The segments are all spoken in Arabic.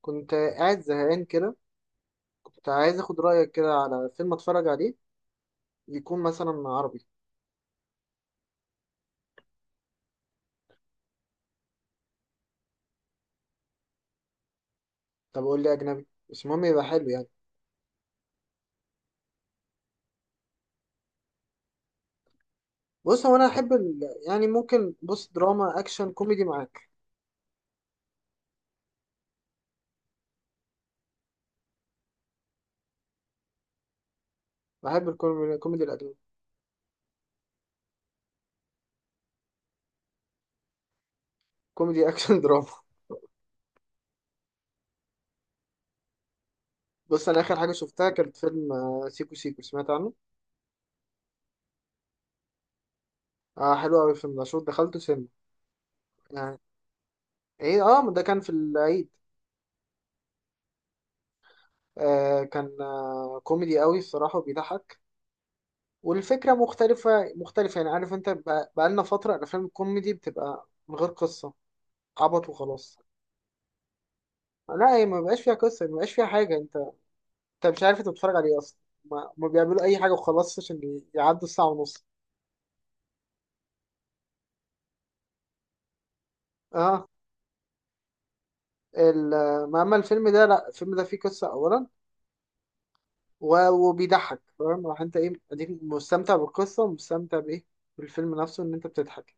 كنت قاعد زهقان كده. كنت عايز اخد رأيك كده على فيلم اتفرج عليه، يكون مثلا عربي. طب قول لي اجنبي بس المهم يبقى حلو يعني. بص هو انا احب ال... يعني ممكن بص دراما اكشن كوميدي معاك. بحب الكوميدي الاجنبي. كوميدي اكشن دراما. بص انا اخر حاجه شفتها كانت فيلم سيكو سيكو، سمعت عنه. اه حلو قوي الفيلم ده، شوف دخلته سينما يعني. ايه اه ده كان في العيد. آه كان آه كوميدي قوي الصراحه وبيضحك. والفكرة مختلفة يعني، عارف انت بقالنا فترة الأفلام الكوميدي بتبقى من غير قصة، عبط وخلاص. لا هي ما بقاش فيها قصة، ما بقاش فيها حاجة. انت مش عارف انت بتتفرج على ايه أصلا، ما بيعملوا أي حاجة وخلاص عشان يعدوا الساعة ونص. اه ال... ما أما الفيلم ده لا، الفيلم ده فيه قصة أولا، وبيضحك، فاهم؟ راح انت ايه، اديك مستمتع بالقصة ومستمتع بايه، بالفيلم نفسه ان انت بتضحك.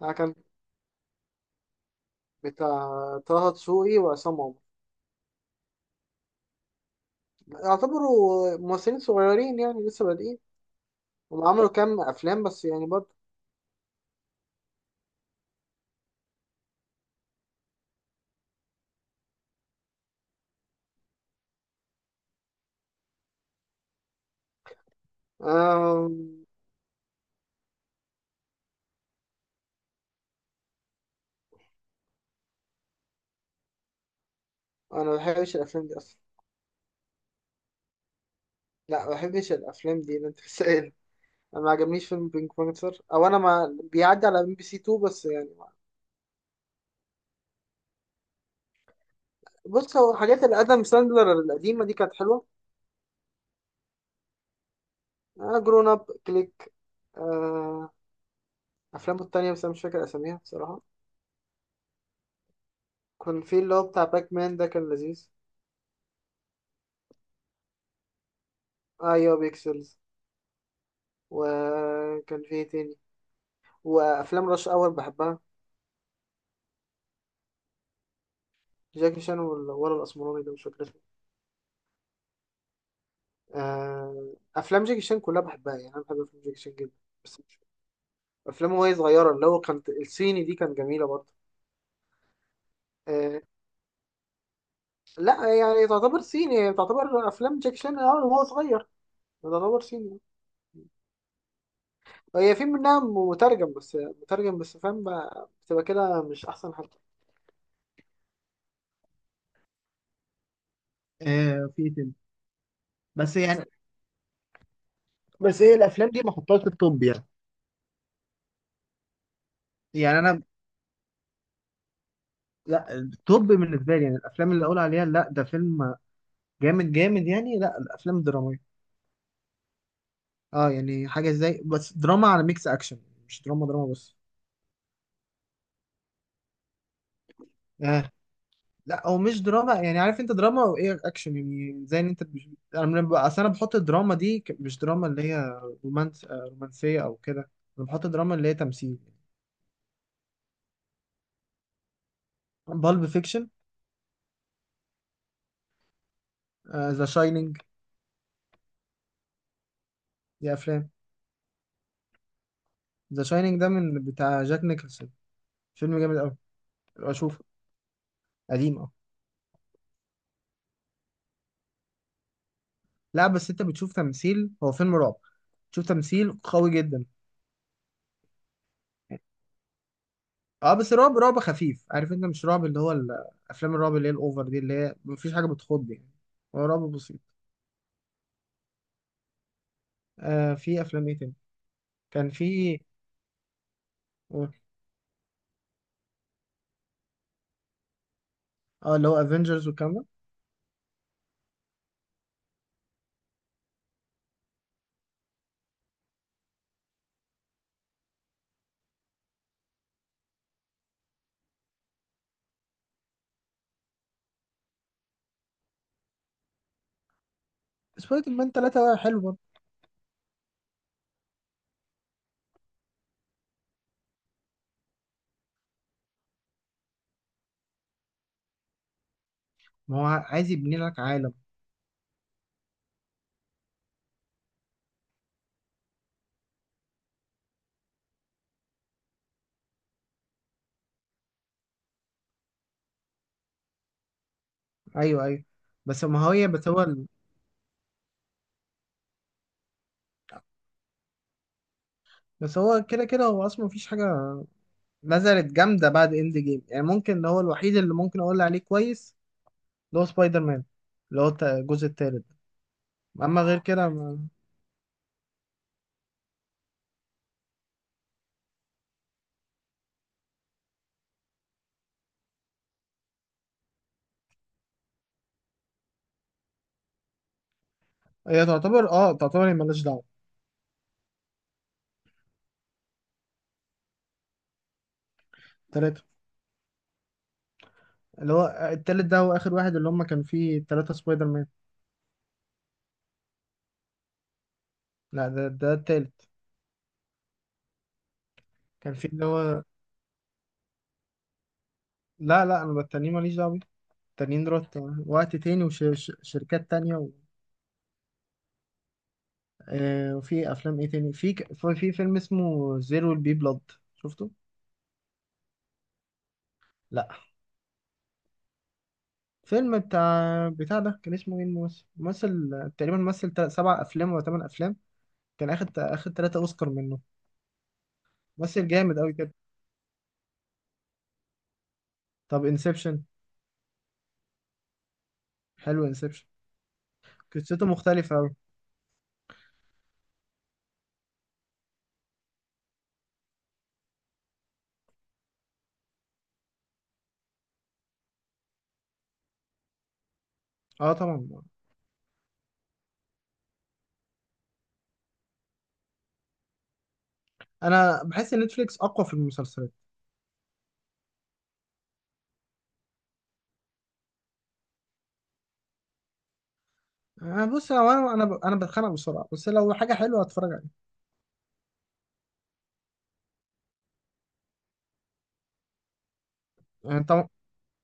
ده كان بتاع طه دسوقي وعصام عمر. يعتبروا ممثلين صغيرين يعني، لسه بادئين. هم عملوا كام افلام بس يعني برضه. آم، انا ما بحبش الافلام دي اصلا. لا ما بحبش الافلام دي اللي انت سائل. انا ما عجبنيش فيلم بينك بانثر، او انا ما بيعدي على ام بي سي 2 بس يعني ما. بص هو حاجات الادم ساندلر القديمه دي كانت حلوه. آه جرون اب، كليك، آه افلامه التانية بس انا مش فاكر اساميها بصراحه. كان في اللي هو بتاع باك مان، ده كان لذيذ. ايوه بيكسلز. وكان في إيه تاني، وافلام رش اور بحبها. جاكي شان ولا الاسمراني ده مش فاكر. افلام جاكي شان كلها بحبها يعني، انا بحب افلام جاكي شان جدا. بس مش افلامه وهي صغيره، اللي هو كانت الصيني دي كانت جميله برضه. آه، لا يعني تعتبر صيني، هي تعتبر افلام جاكي شان اه وهو صغير، تعتبر صيني. هي في منها مترجم بس، مترجم بس، فاهم؟ بتبقى كده مش احسن حاجه. آه في كده بس يعني، بس هي الافلام دي ما احطهاش في التوب يعني. يعني انا لا، التوب بالنسبه لي يعني الافلام اللي اقول عليها لا ده فيلم جامد يعني، لا الافلام الدراميه. اه يعني حاجه زي بس دراما على ميكس اكشن، مش دراما بس. اه لا هو مش دراما، يعني عارف انت دراما وايه اكشن، يعني زي ان انت انا اصل انا بحط الدراما دي مش دراما اللي هي رومانس، رومانسيه او كده. انا بحط الدراما اللي هي تمثيل. بالب فيكشن، ذا شاينينج. دي افلام. ذا شاينينج ده من بتاع جاك نيكلسون، فيلم جامد قوي، اشوفه. قديم اه. لا بس انت بتشوف تمثيل، هو فيلم رعب، بتشوف تمثيل قوي جدا. اه بس رعب خفيف، عارف انت مش رعب اللي هو افلام الرعب اللي هي الاوفر دي، اللي هي مفيش حاجه بتخض يعني، هو رعب بسيط. آه في افلام ايه تاني، كان في اه، اللي هو افنجرز والكلام ده. سبايدر مان 3 حلو برضه. ما هو عايز يبني لك عالم. ايوه ايوه. بس ما هو هي بس هو بس هو كده كده هو اصلا مفيش حاجه نزلت جامده بعد اند جيم يعني. ممكن اللي هو الوحيد اللي ممكن اقول عليه كويس اللي هو سبايدر مان، اللي هو الجزء التالت. اما غير كده ما... هي تعتبر اه، تعتبر هي مالهاش دعوه. تلاتة. اللي هو التالت ده هو آخر واحد اللي هم كان فيه تلاتة سبايدر مان. لا ده ده التالت. كان فيه اللي هو لا لا، أنا بالتانيين ماليش دعوة بيه. التانيين دولت وقت تاني وشركات تانية و... آه وفي أفلام إيه تاني، في في فيلم اسمه زيرو البي بلاد، شفته؟ لا. فيلم بتاع ده كان اسمه إيه الممثل؟ ممثل تقريبا مثل سبع أفلام ولا تمن أفلام، كان أخد تلاتة أوسكار منه. ممثل جامد أوي كده. طب انسبشن. حلو انسبشن، قصته مختلفة أوي. اه طبعا. انا بحس ان نتفليكس اقوى في المسلسلات. أنا بص لو انا انا بتخانق بسرعه، بس لو حاجه حلوه هتفرج عليها. يعني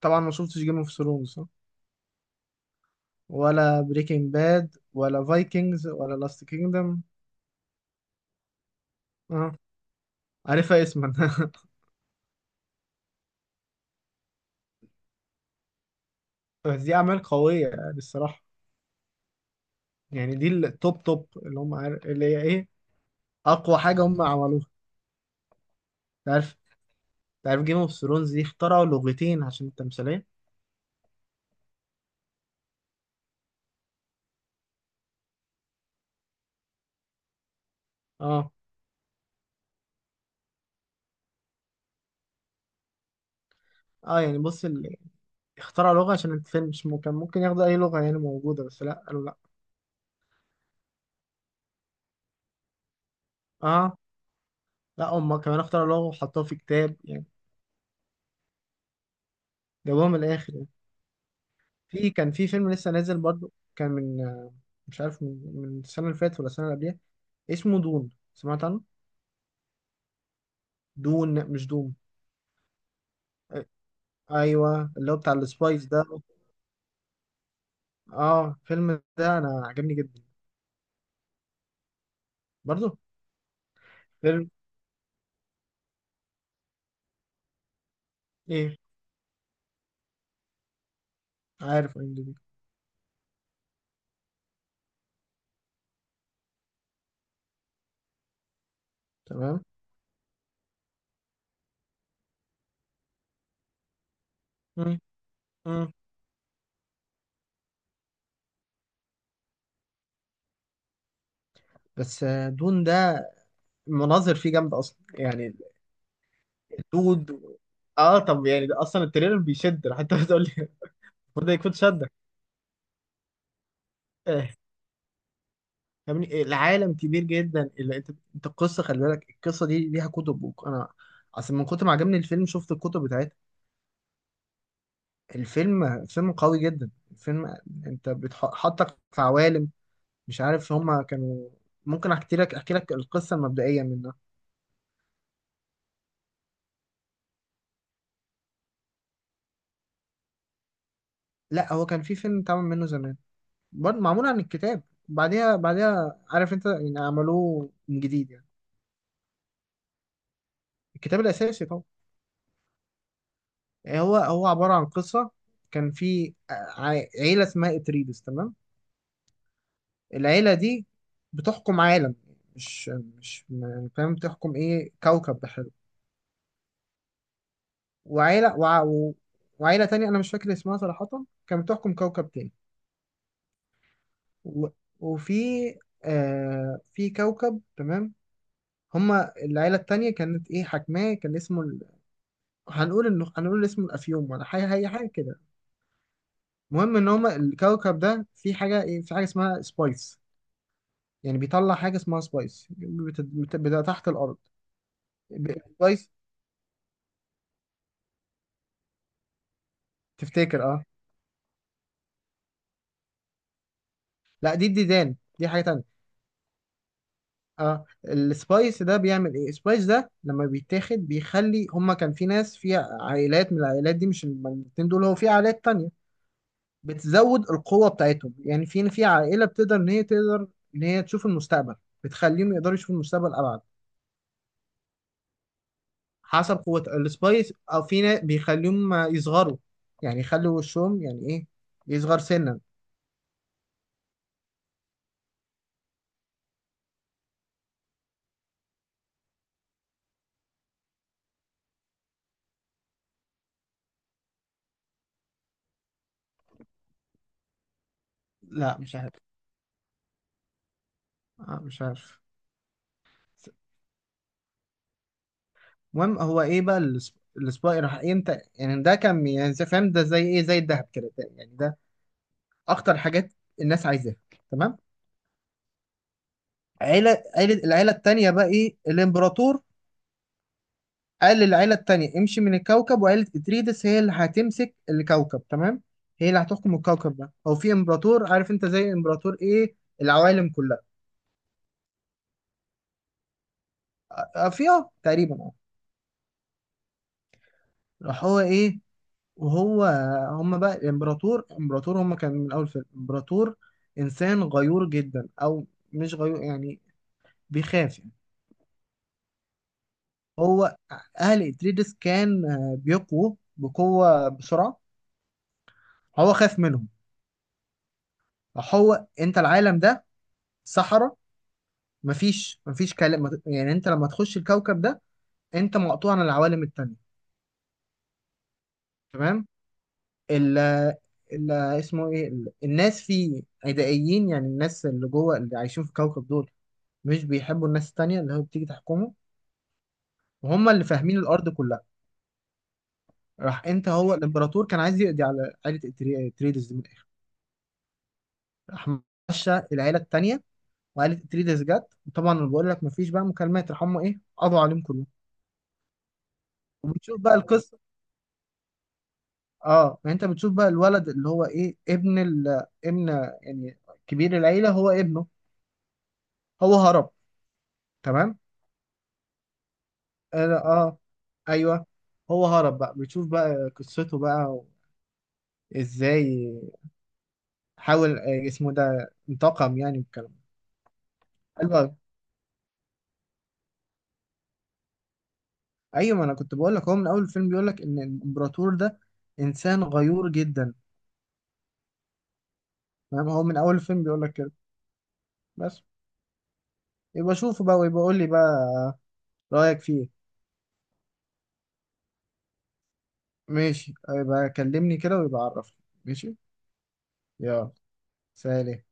طبعا ما شفتش جيم اوف ثرونز ولا بريكنج باد ولا فايكنجز ولا لاست كينجدم. اه عارفها اسما بس دي اعمال قويه يعني الصراحه. يعني دي التوب توب، اللي هم عارف اللي هي ايه، اقوى حاجه هم عملوها. تعرف تعرف جيم اوف ثرونز دي اخترعوا لغتين عشان التمثيليه. اه اه يعني بص ال... اخترعوا لغه عشان الفيلم، مش ممكن ممكن ياخدوا اي لغه يعني موجوده، بس لا قالوا لا. اه لا هم كمان اختاروا لغة وحطوها في كتاب يعني، جابوها من الاخر يعني. في كان في فيلم لسه نازل برضو، كان من مش عارف من السنة اللي فاتت ولا السنة اللي قبلها، اسمه دون، سمعت عنه. دون مش دوم. آه، ايوه اللي هو بتاع السبايس ده. اه الفيلم ده انا عجبني جدا. برضو. فيلم ايه، عارف ام دي بي. تمام. مم، مم. بس دون ده المناظر فيه جامدة اصلا يعني. الدود. اه طب يعني ده اصلا التريلر بيشد راح انت بتقول لي المفروض ده يكون شد. آه، يعني العالم كبير جدا اللي انت، انت القصه خلي بالك القصه دي ليها كتب انا اصل من كتر ما عجبني الفيلم شفت الكتب بتاعتها. الفيلم فيلم قوي جدا الفيلم، انت بتحطك في عوالم مش عارف هما كانوا. ممكن احكي لك القصه المبدئيه منها. لا هو كان في فيلم اتعمل منه زمان برضه، معمول عن الكتاب، بعديها عارف انت يعني عملوه من جديد يعني. الكتاب الاساسي طبعا. هو عباره عن قصه، كان في عيله اسمها اتريدس تمام. العيلة دي بتحكم عالم، مش مش م- فاهم بتحكم ايه، كوكب بحاله. وعيلة وع و- وعيلة تانية أنا مش فاكر اسمها صراحة كانت بتحكم كوكب تاني. و وفي آه في كوكب تمام، هما العيلة التانية كانت ايه حاكماه، كان اسمه ال... هنقول انه، هنقول اسمه الأفيوم ولا حاجة، هي حاجة كده. المهم ان هما الكوكب ده في حاجة ايه، في حاجة اسمها سبايس، يعني بيطلع حاجة اسمها سبايس تحت الأرض. سبايس، تفتكر اه. لا دي الديدان، دي حاجة تانية. اه السبايس ده بيعمل ايه، السبايس ده لما بيتاخد بيخلي هما كان في ناس في عائلات، من العائلات دي مش الاتنين دول، هو في عائلات تانية بتزود القوة بتاعتهم، يعني في في عائلة بتقدر ان هي تقدر ان هي تشوف المستقبل، بتخليهم يقدروا يشوفوا المستقبل ابعد. حسب قوة السبايس، او في ناس بيخليهم يصغروا، يعني يخلوا وشهم يعني ايه، يصغر سنا. لا مش عارف، آه مش عارف. المهم هو ايه بقى الاسبوع راح امتى يعني، ده كان يعني فاهم ده زي ايه، زي الذهب كده، يعني ده اخطر حاجات الناس عايزاها. تمام. عيله العيله التانيه بقى ايه الامبراطور، قال للعيله التانيه امشي من الكوكب وعيله اتريدس هي اللي هتمسك الكوكب تمام، هي اللي هتحكم الكوكب ده، او في امبراطور عارف انت زي امبراطور ايه، العوالم كلها. في اه تقريبا اه. راح هو ايه وهو، هم بقى الامبراطور، امبراطور هم كان من اول فيلم امبراطور انسان غيور جدا، او مش غيور يعني، بيخاف يعني. هو اهل اتريدس كان بيقووا بقوه بسرعه، هو خاف منهم. هو انت العالم ده صحراء، مفيش كلام يعني، انت لما تخش الكوكب ده انت مقطوع عن العوالم التانية. تمام. ال اسمه ايه الناس فيه عدائيين، يعني الناس اللي جوه اللي عايشين في الكوكب دول مش بيحبوا الناس التانية اللي هو بتيجي تحكمه، وهم اللي فاهمين الأرض كلها. راح أنت، هو الإمبراطور كان عايز يقضي على عائلة إتريدز دي من الآخر. راح مشى العيلة التانية، وعائلة إتريدز جت، وطبعا أنا بقول لك مفيش بقى مكالمات، راح هم إيه قضوا عليهم كلهم. وبتشوف بقى القصة. أه يعني أنت بتشوف بقى الولد اللي هو إيه ابن ال ابن يعني كبير العيلة هو ابنه، هو هرب. تمام أه أيوه. هو هرب بقى، بتشوف بقى قصته بقى إزاي حاول اسمه ده انتقم يعني والكلام ده. حلو أوي. ايوه ما انا كنت بقول لك هو من اول الفيلم بيقول لك ان الامبراطور ده انسان غيور جدا. فاهم، هو من اول الفيلم بيقول لك كده بس. يبقى شوفه بقى، ويبقى قول لي بقى رايك فيه. ماشي يبقى كلمني كده ويبقى عرفني. ماشي. يلا. سلام.